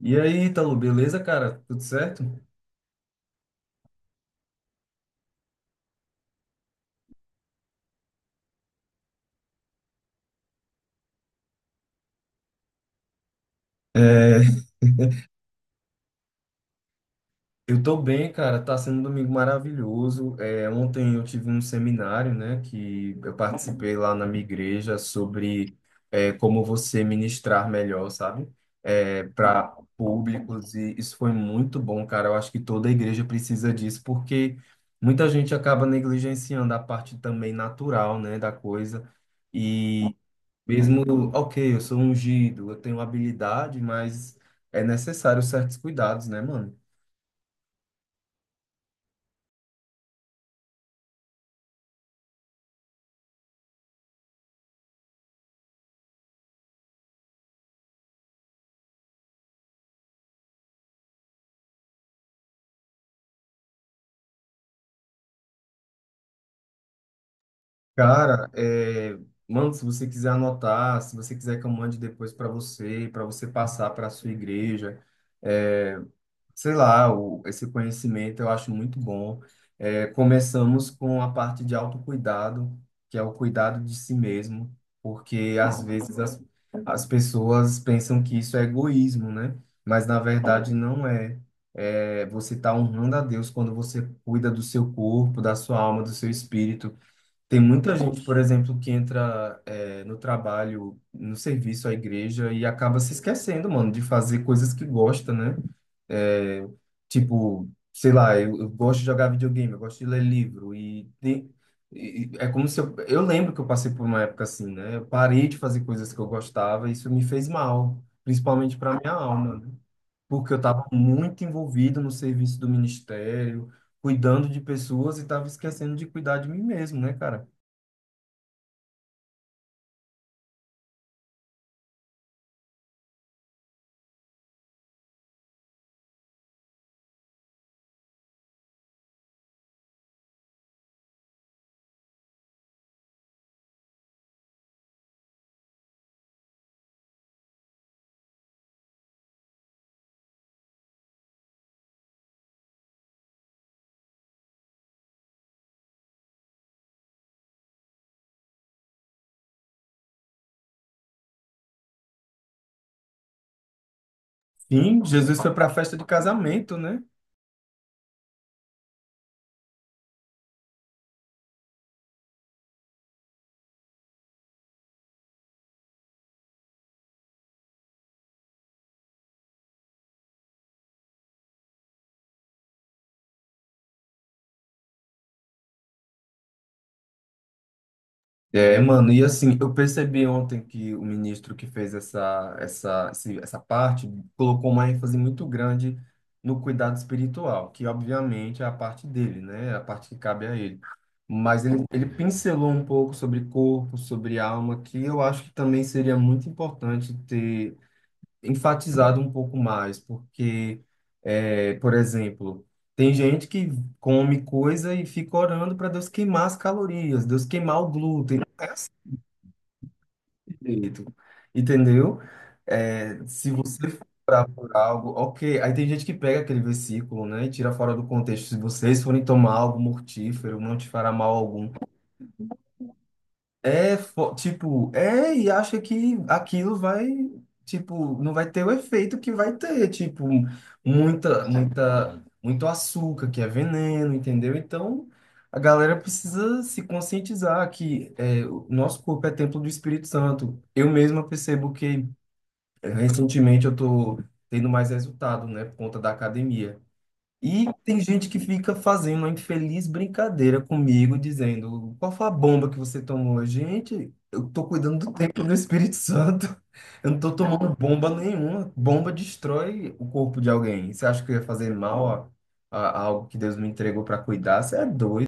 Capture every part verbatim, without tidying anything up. E aí, Ítalo, beleza, cara? Tudo certo? É, eu tô bem, cara. Tá sendo um domingo maravilhoso. É, ontem eu tive um seminário, né, que eu participei lá na minha igreja sobre é, como você ministrar melhor, sabe? É, para públicos. E isso foi muito bom, cara. Eu acho que toda igreja precisa disso, porque muita gente acaba negligenciando a parte também natural, né, da coisa. Mesmo, ok, eu sou ungido, eu tenho habilidade, mas é necessário certos cuidados, né, mano? Cara, é, mano, se você quiser anotar, se você quiser que eu mande depois para você, para você passar para sua igreja, é, sei lá, o, esse conhecimento eu acho muito bom. É, começamos com a parte de autocuidado, que é o cuidado de si mesmo, porque às vezes as, as pessoas pensam que isso é egoísmo, né? Mas na verdade não é. É, você está honrando a Deus quando você cuida do seu corpo, da sua alma, do seu espírito. Tem muita gente, por exemplo, que entra é, no trabalho, no serviço à igreja e acaba se esquecendo, mano, de fazer coisas que gosta, né? É, tipo, sei lá, eu, eu gosto de jogar videogame, eu gosto de ler livro e, tem- e- e é como se eu, eu lembro que eu passei por uma época assim, né? Eu parei de fazer coisas que eu gostava e isso me fez mal, principalmente para minha alma, né? Porque eu estava muito envolvido no serviço do ministério, cuidando de pessoas e estava esquecendo de cuidar de mim mesmo, né, cara? Sim, Jesus foi para a festa de casamento, né? É, mano, e assim, eu percebi ontem que o ministro que fez essa, essa, esse- essa parte colocou uma ênfase muito grande no cuidado espiritual, que obviamente é a parte dele, né? É a parte que cabe a ele. Mas ele, ele pincelou um pouco sobre corpo, sobre alma, que eu acho que também seria muito importante ter enfatizado um pouco mais, porque, é, por exemplo, tem gente que come coisa e fica orando para Deus queimar as calorias, Deus queimar o glúten, direito, entendeu? É, se você for algo, ok. Aí tem gente que pega aquele versículo, né, e tira fora do contexto. Se vocês forem tomar algo mortífero, não te fará mal algum. É, fo- tipo, é, e acha que aquilo vai, tipo, não vai ter o efeito que vai ter, tipo, muita, muita, muito açúcar, que é veneno, entendeu? Então, a galera precisa se conscientizar que é, o nosso corpo é templo do Espírito Santo. Eu mesma percebo que eh, recentemente eu tô tendo mais resultado, né, por conta da academia. E tem gente que fica fazendo uma infeliz brincadeira comigo, dizendo: qual foi a bomba que você tomou? Gente, eu tô cuidando do templo do Espírito Santo. Eu não tô tomando bomba nenhuma. Bomba destrói o corpo de alguém. Você acha que eu ia fazer mal a, a- a algo que Deus me entregou para cuidar? Você é doido.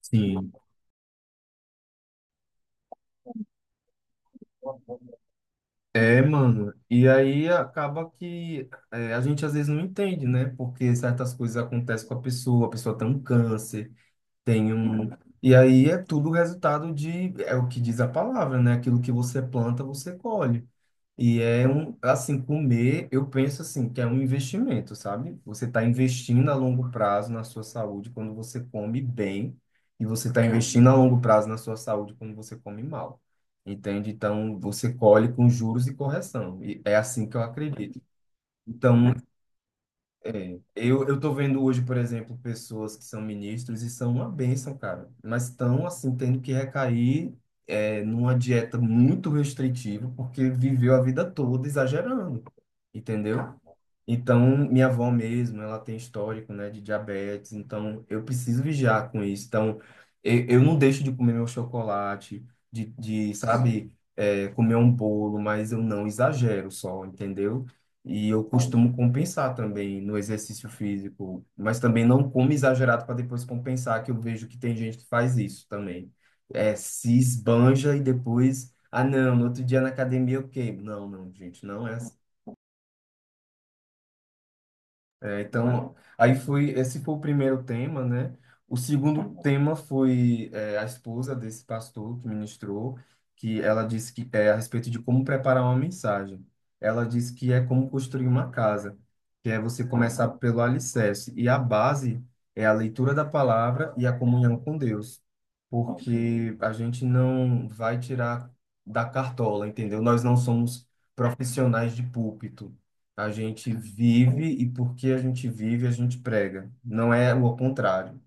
Sim. É, mano. E aí acaba que é, a gente às vezes não entende, né? Porque certas coisas acontecem com a pessoa, a pessoa tem um câncer. Tem um. E aí é tudo resultado de, é o que diz a palavra, né? Aquilo que você planta, você colhe. E é um, assim, comer, eu penso assim, que é um investimento, sabe? Você está investindo a longo prazo na sua saúde quando você come bem, e você está investindo a longo prazo na sua saúde quando você come mal. Entende? Então, você colhe com juros e correção. E é assim que eu acredito. Então, é, eu, eu tô vendo hoje, por exemplo, pessoas que são ministros e são uma bênção, cara, mas estão, assim, tendo que recair é, numa dieta muito restritiva, porque viveu a vida toda exagerando, entendeu? Então, minha avó mesmo, ela tem histórico, né, de diabetes, então eu preciso vigiar com isso. Então, eu, eu não deixo de comer meu chocolate, de, de sabe, é, comer um bolo, mas eu não exagero só, entendeu? E eu costumo compensar também no exercício físico, mas também não como exagerado para depois compensar, que eu vejo que tem gente que faz isso também. É, se esbanja e depois, ah, não, no outro dia na academia eu queimo. Não, não, gente, não é assim. É, então, aí foi, esse foi o primeiro tema, né? O segundo tema foi é, a esposa desse pastor que ministrou, que ela disse que é a respeito de como preparar uma mensagem. Ela disse que é como construir uma casa, que é você começar pelo alicerce. E a base é a leitura da palavra e a comunhão com Deus, porque a gente não vai tirar da cartola, entendeu? Nós não somos profissionais de púlpito. A gente vive e porque a gente vive, a gente prega. Não é o contrário,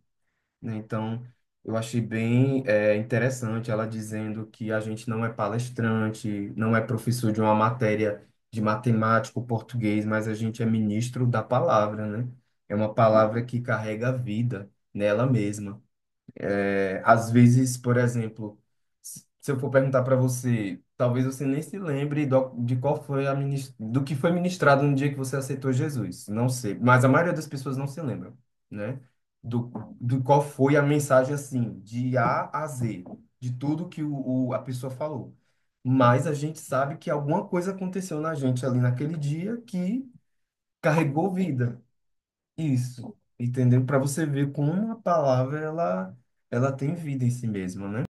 né? Então, eu achei bem é, interessante ela dizendo que a gente não é palestrante, não é professor de uma matéria de matemática ou português, mas a gente é ministro da palavra, né? É uma palavra que carrega a vida nela mesma. É, às vezes, por exemplo, se se eu for perguntar para você, talvez você nem se lembre do- de qual foi a minis- do que foi ministrado no dia que você aceitou Jesus. Não sei, mas a maioria das pessoas não se lembram, né? Do, do qual foi a mensagem assim, de A a Z, de tudo que o, o- a pessoa falou. Mas a gente sabe que alguma coisa aconteceu na gente ali naquele dia que carregou vida. Isso, entendeu? Para você ver como uma palavra ela, ela tem vida em si mesma, né?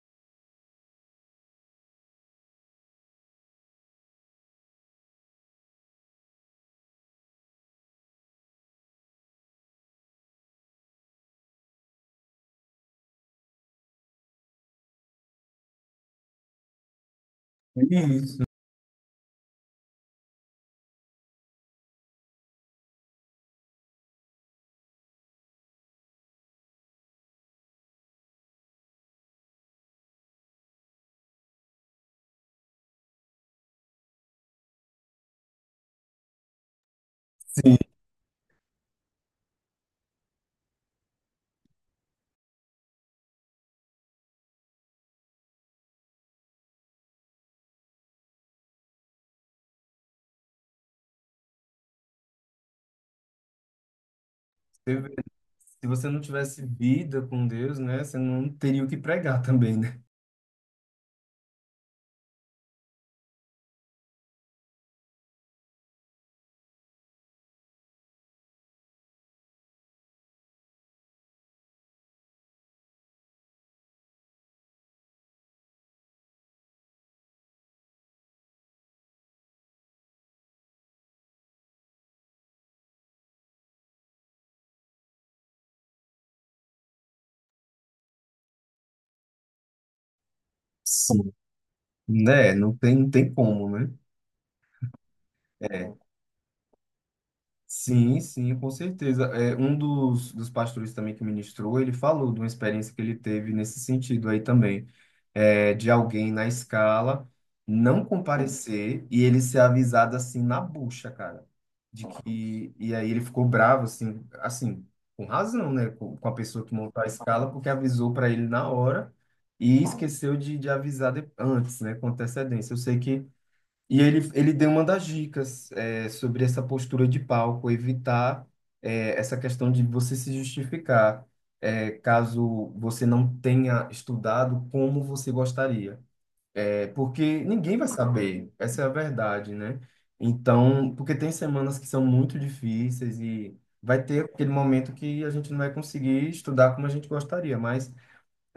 Isso. Sim. Você vê, Se você não tivesse vida com Deus, né, você não teria o que pregar também, né? Sim. Né? Não tem, não tem como, né? É. Sim, sim, com certeza. É, um dos, dos pastores também que ministrou, ele falou de uma experiência que ele teve nesse sentido aí também, é, de alguém na escala não comparecer e ele ser avisado assim na bucha, cara, de que e aí ele ficou bravo assim, assim, com razão, né, com, com a pessoa que montou a escala porque avisou para ele na hora e esqueceu de, de avisar de- antes, né, com antecedência. Eu sei que E ele, ele deu uma das dicas é, sobre essa postura de palco, evitar é, essa questão de você se justificar, é, caso você não tenha estudado como você gostaria. É, porque ninguém vai saber, essa é a verdade, né? Então, porque tem semanas que são muito difíceis e vai ter aquele momento que a gente não vai conseguir estudar como a gente gostaria, mas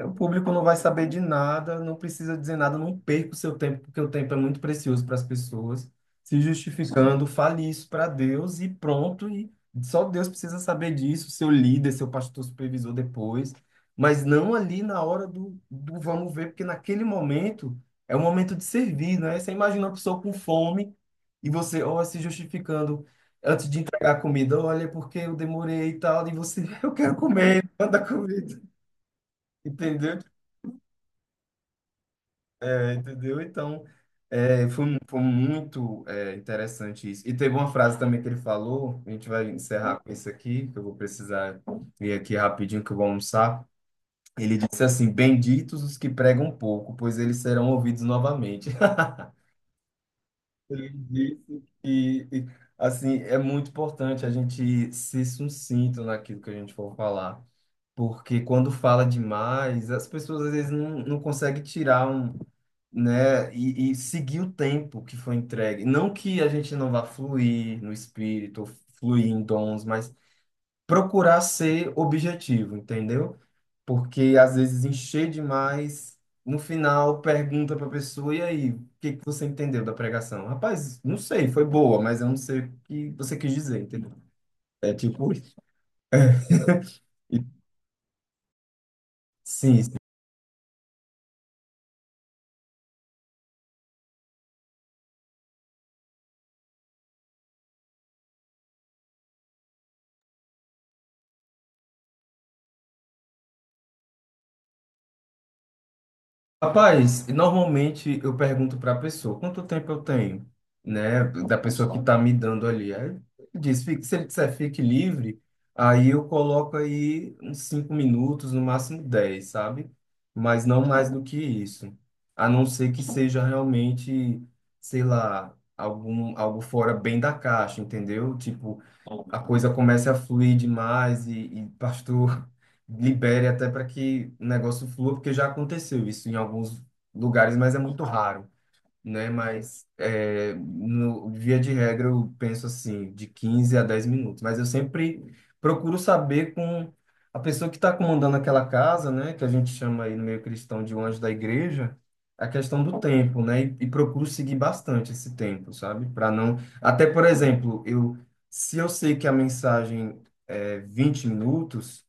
o público não vai saber de nada, não precisa dizer nada, não perca o seu tempo, porque o tempo é muito precioso para as pessoas. Se justificando, fale isso para Deus e pronto, e só Deus precisa saber disso, seu líder, seu pastor supervisor depois, mas não ali na hora do, do vamos ver, porque naquele momento é o momento de servir, né? Você imagina uma pessoa com fome e você, ó, se justificando antes de entregar a comida, olha, é porque eu demorei e tal, e você, eu quero comer, manda a comida. Entendeu? Entendeu? Então, é, foi, mu- foi muito é, interessante isso. E teve uma frase também que ele falou, a gente vai encerrar com isso aqui, que eu vou precisar ir aqui rapidinho que eu vou almoçar. Ele disse assim: Benditos os que pregam pouco, pois eles serão ouvidos novamente. Ele disse que, e, assim, é muito importante a gente ser sucinto naquilo que a gente for falar porque quando fala demais, as pessoas às vezes não, não conseguem tirar um, né, e, e seguir o tempo que foi entregue. Não que a gente não vá fluir no espírito, ou fluir em dons, mas procurar ser objetivo, entendeu? Porque às vezes encher demais, no final pergunta para a pessoa, e aí, o que que você entendeu da pregação? Rapaz, não sei, foi boa, mas eu não sei o que você quis dizer, entendeu? É tipo, isso. E- sim, rapaz, normalmente eu pergunto para a pessoa quanto tempo eu tenho, né? Da pessoa que está me dando ali. Aí diz, "Fique- se ele disser fique livre, aí eu coloco aí uns cinco minutos, no máximo dez, sabe? Mas não mais do que isso. A não ser que seja realmente, sei lá, algum, algo fora bem da caixa, entendeu? Tipo, a coisa comece a fluir demais e, e pastor libere até para que o negócio flua, porque já aconteceu isso em alguns lugares, mas é muito raro né? Mas é, no, via de regra eu penso assim, de quinze a dez minutos. Mas eu sempre procuro saber com a pessoa que está comandando aquela casa, né? Que a gente chama aí no meio cristão de um anjo da igreja, a questão do tempo, né? E, e procuro seguir bastante esse tempo, sabe? Para não. Até, por exemplo, eu se eu sei que a mensagem é vinte minutos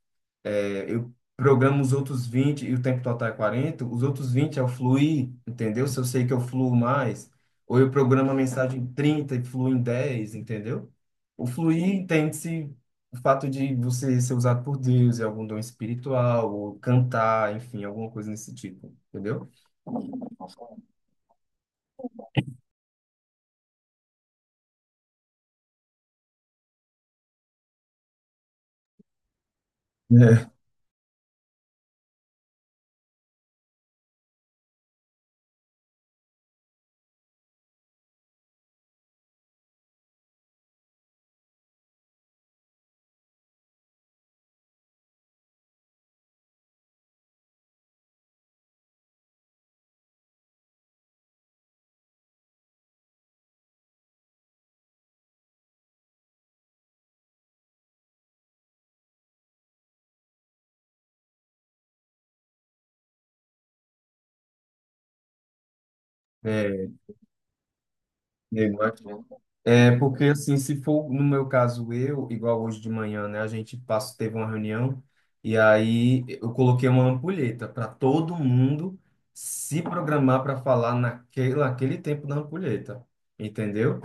programa os outros vinte e o tempo total é quarenta os outros vinte é o fluir, entendeu? Se eu sei que eu fluo mais, ou eu programo a mensagem em trinta e fluo em dez entendeu? O fluir entende-se o fato de você ser usado por Deus, é algum dom espiritual, ou cantar, enfim, alguma coisa nesse tipo, entendeu? É, é, é, Igual aqui. É porque assim, se for no meu caso eu, igual hoje de manhã, né, a gente passou, teve uma reunião e aí eu coloquei uma ampulheta para todo mundo se programar para falar naquele, naquele tempo da ampulheta, entendeu?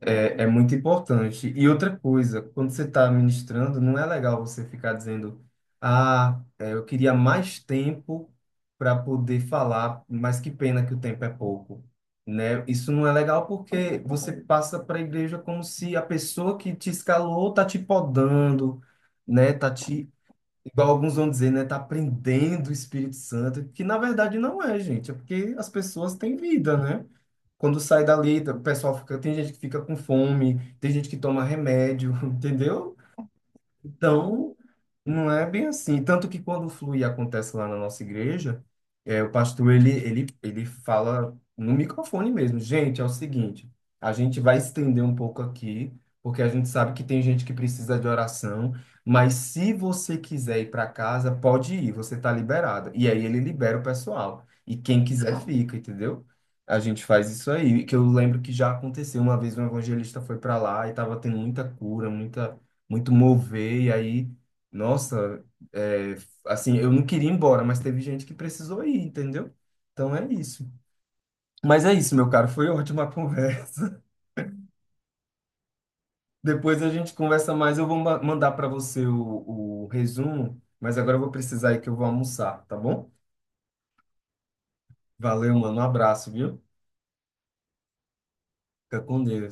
É, é muito importante. E outra coisa, quando você está ministrando, não é legal você ficar dizendo, ah, é, eu queria mais tempo para poder falar, mas que pena que o tempo é pouco, né? Isso não é legal porque você passa para a igreja como se a pessoa que te escalou tá te podando, né? Tá te, igual alguns vão dizer, né? Tá prendendo o Espírito Santo, que na verdade não é, gente, é porque as pessoas têm vida, né? Quando sai dali, o pessoal fica, tem gente que fica com fome, tem gente que toma remédio, entendeu? Então, não é bem assim. Tanto que quando o flui acontece lá na nossa igreja, é, o pastor ele, ele, ele fala no microfone mesmo. Gente, é o seguinte, a gente vai estender um pouco aqui, porque a gente sabe que tem gente que precisa de oração, mas se você quiser ir para casa, pode ir, você está liberada. E aí ele libera o pessoal. E quem quiser fica, entendeu? A gente faz isso aí, que eu lembro que já aconteceu uma vez um evangelista foi para lá e estava tendo muita cura, muita muito mover, e aí, nossa, é, assim, eu não queria ir embora, mas teve gente que precisou ir, entendeu? Então é isso. Mas é isso, meu caro, foi ótima a conversa. Depois a gente conversa mais, eu vou ma- mandar para você o, o resumo, mas agora eu vou precisar ir que eu vou almoçar, tá bom? Valeu, mano, um abraço, viu? Fica com Deus.